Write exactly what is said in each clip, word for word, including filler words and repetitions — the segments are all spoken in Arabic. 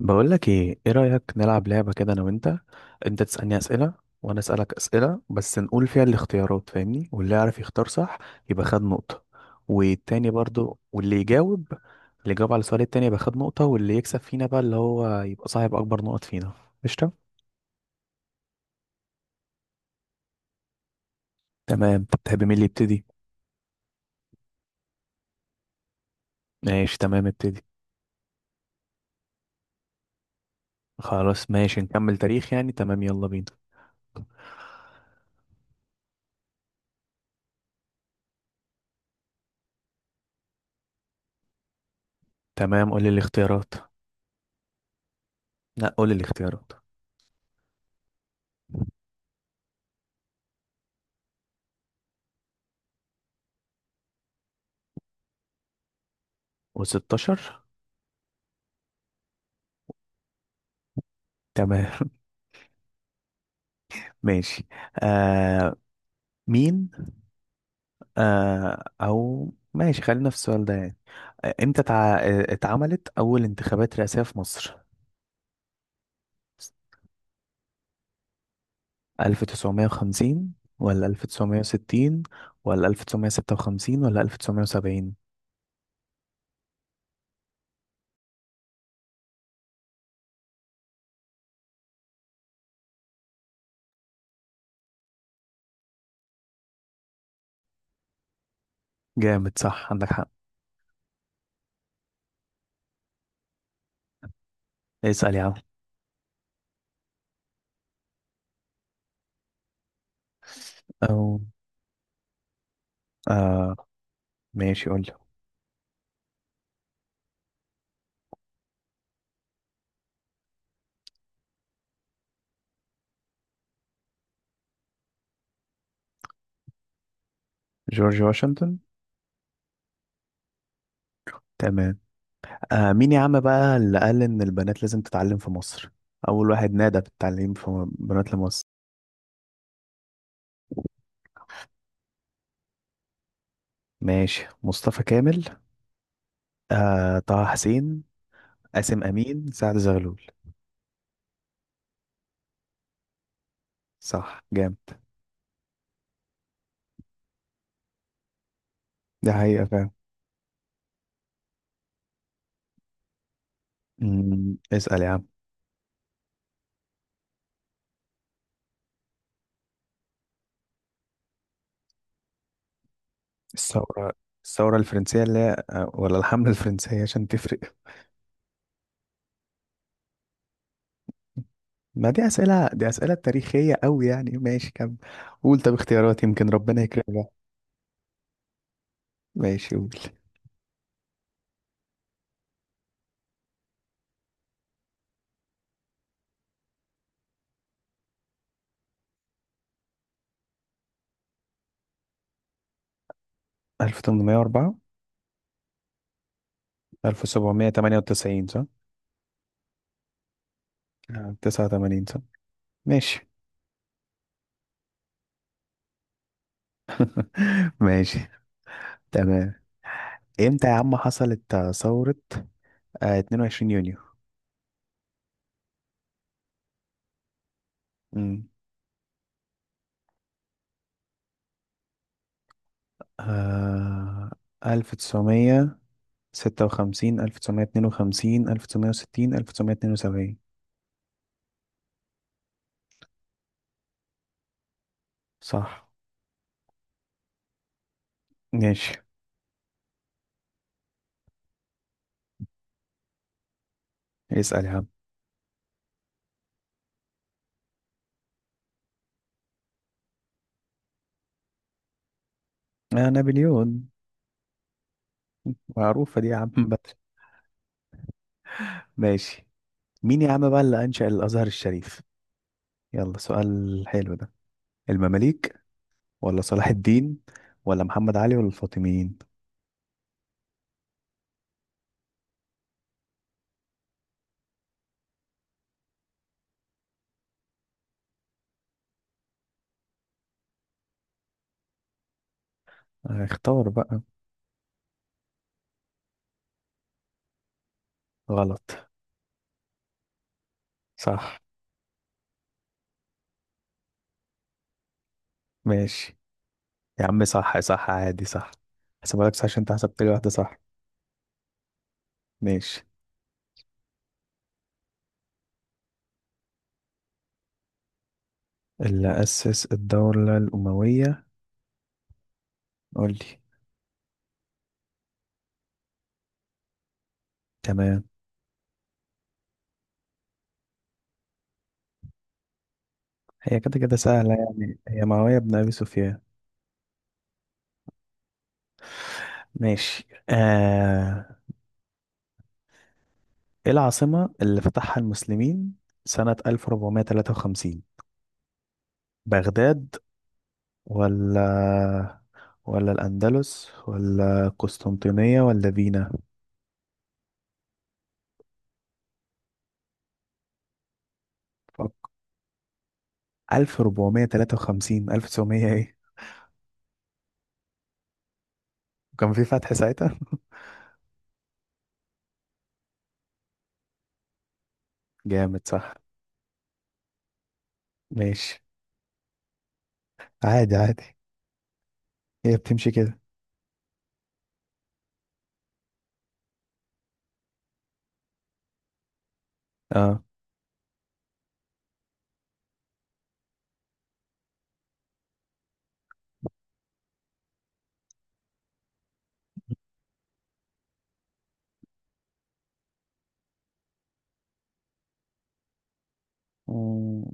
بقول لك ايه، ايه رأيك نلعب لعبة كده انا وانت. انت تسألني أسئلة، وانا أسألك أسئلة بس نقول فيها الاختيارات، فاهمني؟ واللي يعرف يختار صح يبقى خد نقطة، والتاني برضو واللي يجاوب. اللي يجاوب على السؤال التاني يبقى خد نقطة، واللي يكسب فينا بقى اللي هو يبقى صاحب اكبر نقط فينا. قشطة. تمام، تحب مين اللي يبتدي؟ ماشي تمام ابتدي. خلاص ماشي نكمل تاريخ يعني، تمام يلا بينا. تمام قول لي الاختيارات. لا قول لي الاختيارات. وستاشر. تمام. ماشي. آه مين؟ آه او ماشي خلينا في السؤال ده يعني. آه، امتى تع... آه، اتعملت اول انتخابات رئاسية في مصر؟ ألف وتسعمية وخمسين ولا ألف وتسعمية وستين ولا ألف وتسعمية وستة وخمسين ولا ألف وتسعمية وسبعين؟ جامد صح عندك حق. اسأل يا عم. أو آه ماشي قول لي. جورج واشنطن. تمام. آه مين يا عم بقى اللي قال إن البنات لازم تتعلم في مصر؟ أول واحد نادى بالتعليم في بنات لمصر. ماشي، مصطفى كامل، آه طه حسين، قاسم امين، سعد زغلول. صح جامد. ده حقيقة فعلا. أمم، اسأل يا عم. الثورة الثورة الفرنسية اللي هي، آه، ولا الحملة الفرنسية عشان تفرق. ما دي أسئلة دي أسئلة تاريخية أوي يعني، ماشي كم. قول طب اختيارات يمكن ربنا يكرمك بقى. ماشي قول. ألف وثمنمية وأربعة، ألف وسبعمية وتمنية وتسعين صح؟ آه، تسعة وتمانين صح؟ ماشي. ماشي تمام. امتى يا عم حصلت، آه، ثورة آه، اثنين وعشرين يونيو؟ مم. آه... ألف وتسعمية وستة وخمسين، ألف وتسعمية واتنين وخمسين، ألف وتسعمية وستين، ألف وتسعمية واتنين وسبعين؟ صح ماشي. اسأل يا عم. آه نابليون. معروفة دي يا عم بقى. ماشي. مين يا عم بقى اللي أنشأ الأزهر الشريف؟ يلا سؤال حلو ده. المماليك ولا صلاح الدين ولا محمد علي ولا الفاطميين؟ آه، اختار بقى. غلط. صح. ماشي يا عم، صح صح عادي صح. هسيبها لك صح عشان انت حسبت لي واحدة صح. ماشي. اللي أسس الدولة الأموية. قول لي. تمام. هي كده كده سهلة يعني، هي معاوية بن أبي سفيان. ماشي آه. إيه العاصمة اللي فتحها المسلمين سنة ألف وأربعمية وتلاتة وخمسين؟ بغداد ولا ولا الأندلس ولا قسطنطينية ولا فينا؟ فك. ألف وأربعمية وتلاتة وخمسين، ألف وتسعمية إيه. وكان في فتح ساعتها. جامد صح. ماشي. عادي عادي. هي بتمشي كده. اه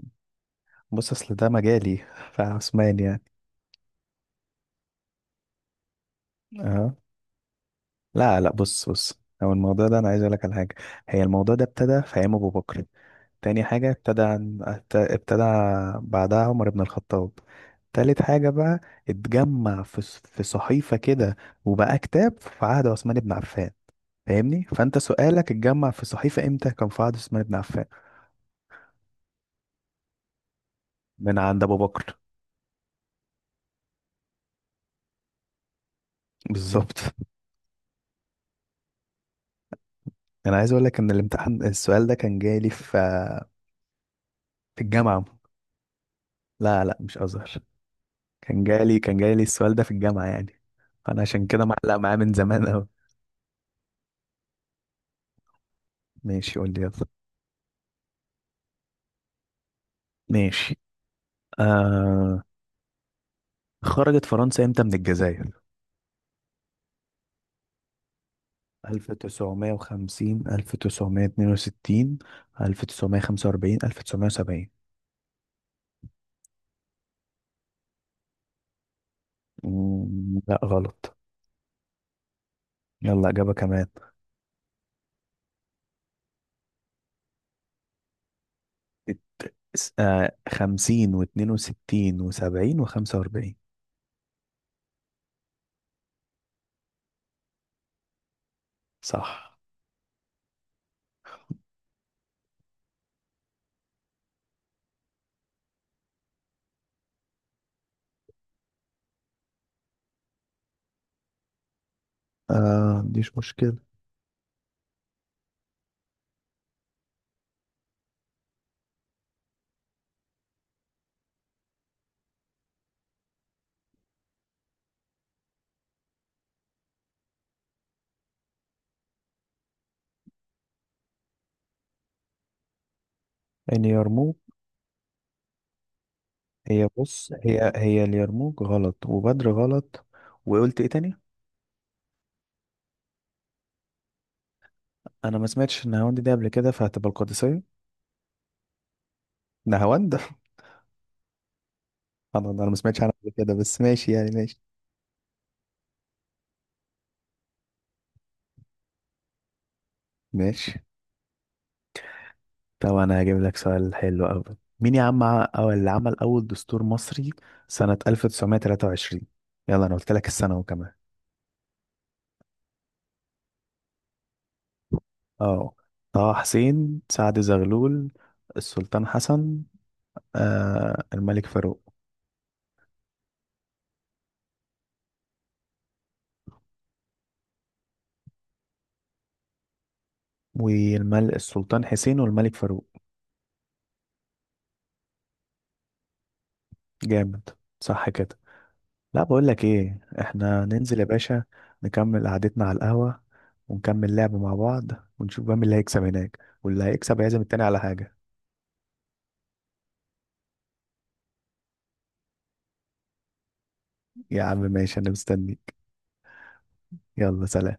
بص اصل ده مجالي، فعثمان يعني. اه لا لا بص بص هو الموضوع ده انا عايز اقول لك على حاجه. هي الموضوع ده ابتدى في ايام ابو بكر. تاني حاجه ابتدى عن... ابت- ابتدى بعدها عمر بن الخطاب. تالت حاجه بقى اتجمع في ص- في صحيفه كده، وبقى كتاب في عهد عثمان بن عفان. فاهمني، فانت سؤالك اتجمع في صحيفه امتى كان في عهد عثمان بن عفان. من عند ابو بكر. بالظبط. انا عايز اقول لك ان الامتحان، السؤال ده كان جاي لي في في الجامعه. لا لا مش أزهر. كان جالي كان جالي السؤال ده في الجامعة يعني. فأنا عشان كده معلق معاه من زمان أوي. ماشي قول لي يلا. ماشي. آه خرجت فرنسا امتى من الجزائر؟ ألف وتسعمية وخمسين، ألف وتسعمية واتنين وستين، ألف وتسعمية وخمسة وأربعين، ألف وتسعمية وسبعين؟ مم، لا غلط. يلا إجابة كمان. س- آه خمسين واتنين وستين وسبعين وخمسة وأربعين. صح. آه مفيش مشكلة. يعني يرموك. هي بص هي هي اليرموك غلط وبدر غلط. وقلت ايه تاني. انا ما سمعتش النهاوند دي قبل كده فهتبقى القادسية. نهاوند. انا انا ما سمعتش عنها قبل كده بس ماشي يعني ماشي. ماشي. طب انا هجيب لك سؤال حلو قوي. مين يا عم، ع- او اللي عمل اول دستور مصري سنة ألف وتسعمية وتلاتة وعشرين؟ يلا انا قلت لك السنة وكمان. اه طه حسين، سعد زغلول، السلطان حسن، آه الملك فاروق. والملك السلطان حسين والملك فاروق. جامد. صح كده. لا بقول لك ايه احنا ننزل يا باشا. نكمل قعدتنا على القهوة ونكمل لعب مع بعض ونشوف بقى مين اللي هيكسب هناك، واللي هيكسب هيعزم التاني على حاجة. يا عم ماشي انا مستنيك يلا سلام.